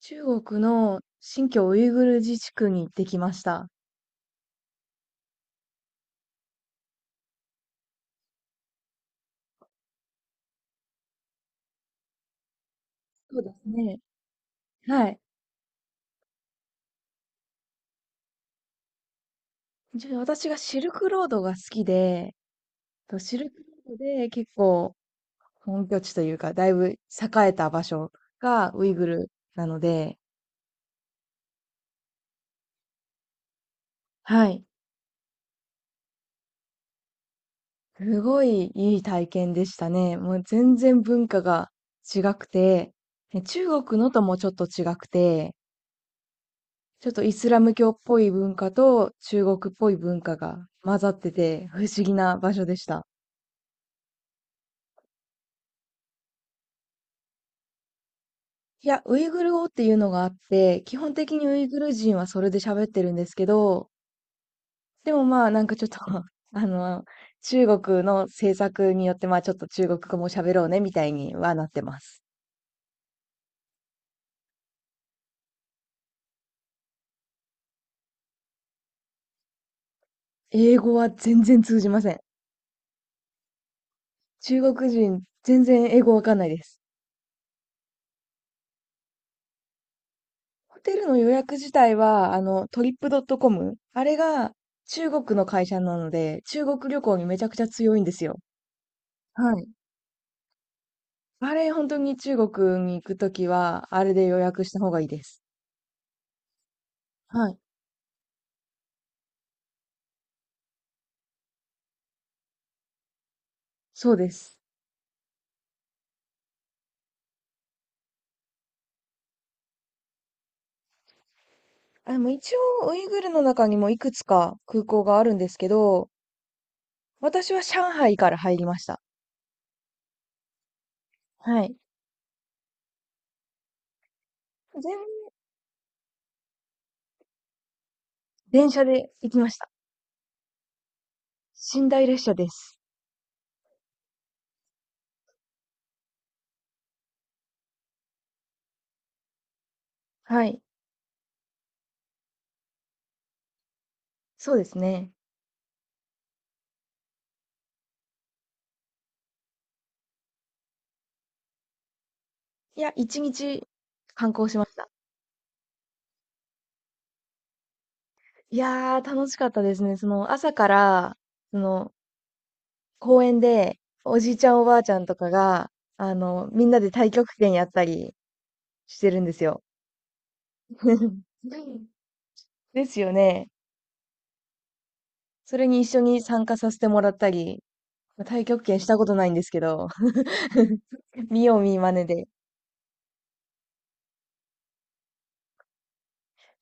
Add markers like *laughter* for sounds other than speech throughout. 中国の新疆ウイグル自治区に行ってきました。そうですね。はい。じゃ私がシルクロードが好きで、とシルクロードで結構本拠地というか、だいぶ栄えた場所がウイグルなので、はい。すごいいい体験でしたね。もう全然文化が違くて、ね中国のともちょっと違くて、ちょっとイスラム教っぽい文化と中国っぽい文化が混ざってて不思議な場所でした。いや、ウイグル語っていうのがあって、基本的にウイグル人はそれで喋ってるんですけど、でもまあちょっと *laughs* あの、中国の政策によってまあちょっと中国語も喋ろうねみたいにはなってます。英語は全然通じません。中国人全然英語わかんないです。ホテルの予約自体はトリップドットコム、あれが中国の会社なので中国旅行にめちゃくちゃ強いんですよ。はい。あれ本当に中国に行くときはあれで予約した方がいいです。はい、そうです。あ、でも一応、ウイグルの中にもいくつか空港があるんですけど、私は上海から入りました。はい。全、電車で行きました。寝台列車です。はい。そうですね。いや、一日観光しました。いやー、楽しかったですね。朝から、その、公園で、おじいちゃんおばあちゃんとかが、みんなで太極拳やったりしてるんですよ。*laughs* ですよね。それに一緒に参加させてもらったり、まあ太極拳したことないんですけど、*laughs* 見よう見まねで。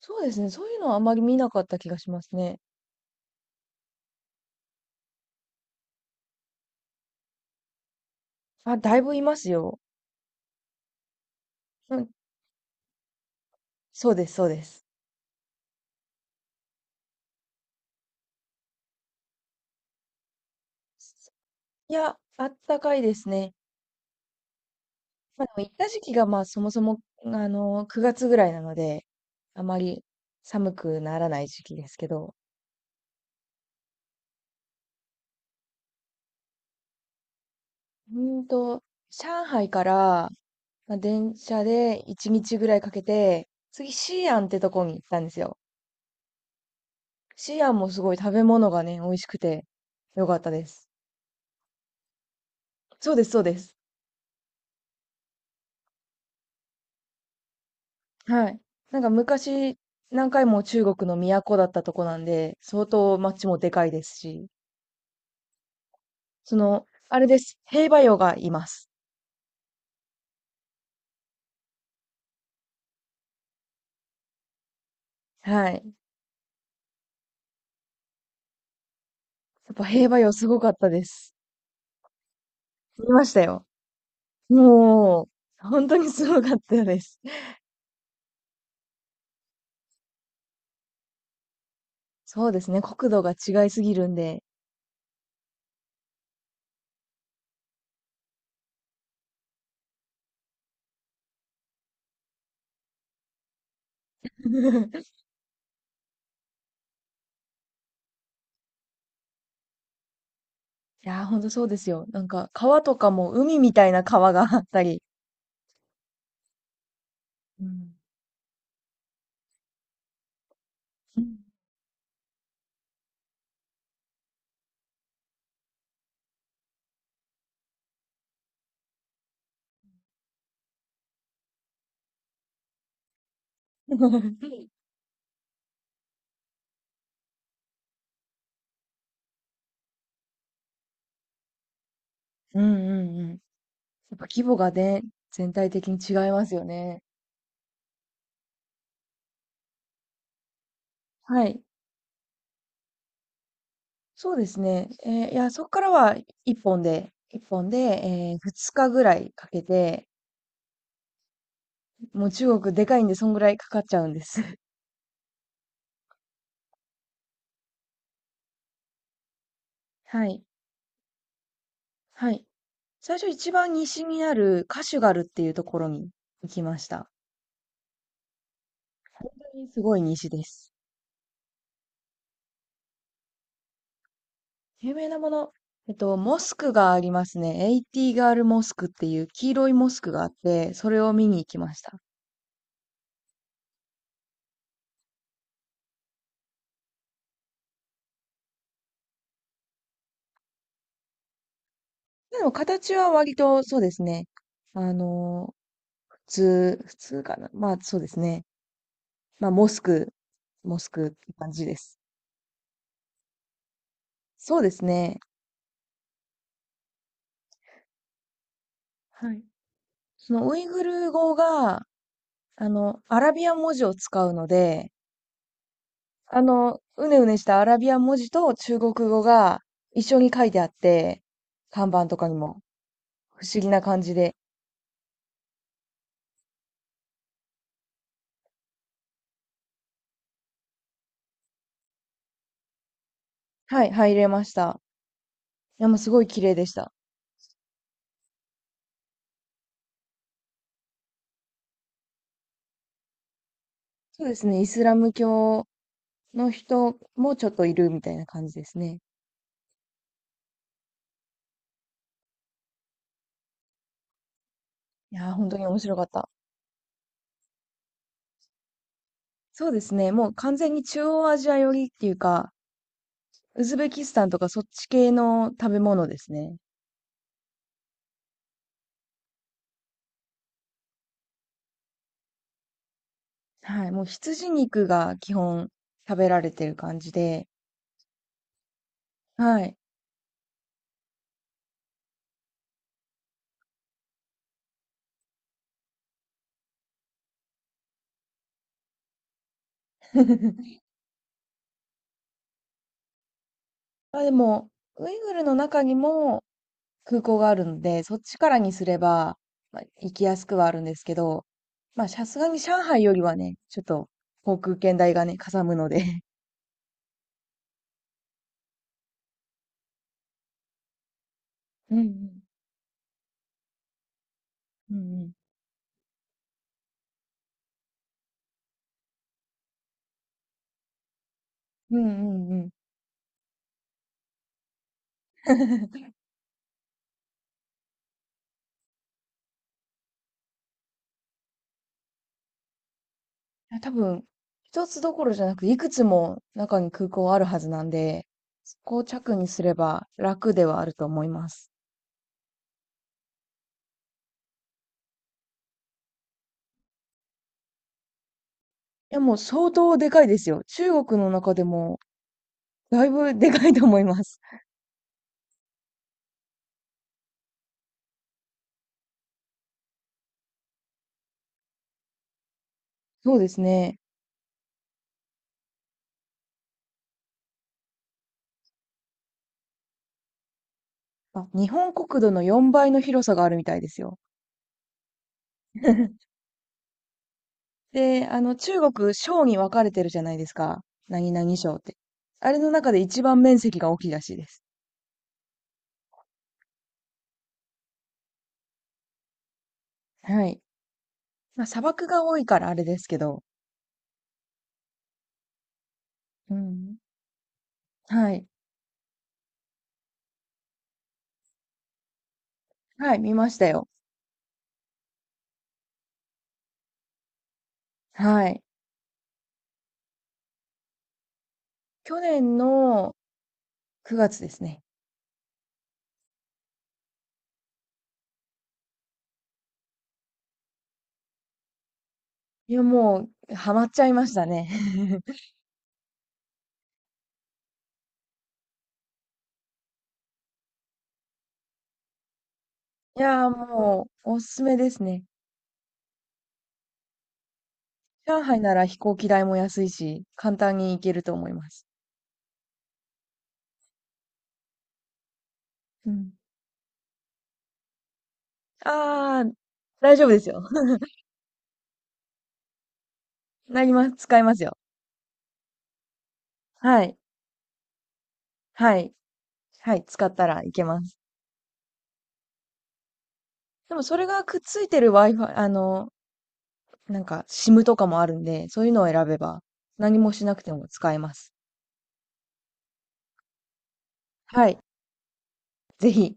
そうですね、そういうのはあまり見なかった気がしますね。あ、だいぶいますよ。うん、そうです、そうです。いや、あったかいですね。まあ、でも行った時期がまあそもそも、9月ぐらいなので、あまり寒くならない時期ですけど、うーんと、上海から、まあ、電車で1日ぐらいかけて、次、西安ってとこに行ったんですよ。シアンもすごい食べ物がね、美味しくて良かったです。そうです、そうです。はい。なんか昔、何回も中国の都だったとこなんで、相当街もでかいですし、あれです。兵馬俑がいます。はい。やっぱ兵馬俑すごかったです。見ましたよ。もう、本当にすごかったです。そうですね。国土が違いすぎるんで。*laughs* いやー、ほんとそうですよ。なんか、川とかも海みたいな川があったり。うん。*laughs* うんうんうん。やっぱ規模がね、全体的に違いますよね。はい。そうですね。いや、そこからは一本で、二日ぐらいかけて、もう中国でかいんで、そんぐらいかかっちゃうんです。*laughs* はい。はい。最初一番西にあるカシュガルっていうところに行きました。本当にすごい西です。有名なもの、モスクがありますね。エイティガールモスクっていう黄色いモスクがあって、それを見に行きました。でも形は割とそうですね。あの、普通かな。まあそうですね。まあモスク、モスクって感じです。そうですね。はい。そのウイグル語が、アラビア文字を使うので、うねうねしたアラビア文字と中国語が一緒に書いてあって、看板とかにも不思議な感じで、はい、入れました。いや、もうすごい綺麗でした。そうですね、イスラム教の人もちょっといるみたいな感じですね。いやー、本当に面白かった。そうですね。もう完全に中央アジア寄りっていうか、ウズベキスタンとかそっち系の食べ物ですね。はい。もう羊肉が基本食べられてる感じで。はい。*laughs* まあでも、ウイグルの中にも空港があるので、そっちからにすれば、まあ、行きやすくはあるんですけど、まあさすがに上海よりはね、ちょっと航空券代がね、かさむので。*laughs* うんうん。うんうんうんうんうん。*laughs* いや、多分、一つどころじゃなく、いくつも中に空港あるはずなんで、そこを着にすれば楽ではあると思います。いや、もう相当でかいですよ。中国の中でも、だいぶでかいと思います。そうですね。あ、日本国土の4倍の広さがあるみたいですよ。*laughs* で、中国、省に分かれてるじゃないですか。何々省って。あれの中で一番面積が大きいらしいです。はい。まあ、砂漠が多いからあれですけど。うん。はい。はい、見ましたよ。はい。去年の9月ですね。いや、もうハマっちゃいましたね。*laughs* いやー、もうおすすめですね。上海なら飛行機代も安いし、簡単に行けると思います。うん。あー大丈夫ですよ。*laughs* なります。使えますよ。はい。はい。はい。使ったらいけます。でもそれがくっついてる Wi-Fi、なんか SIM とかもあるんで、そういうのを選べば何もしなくても使えます。はい。ぜひ。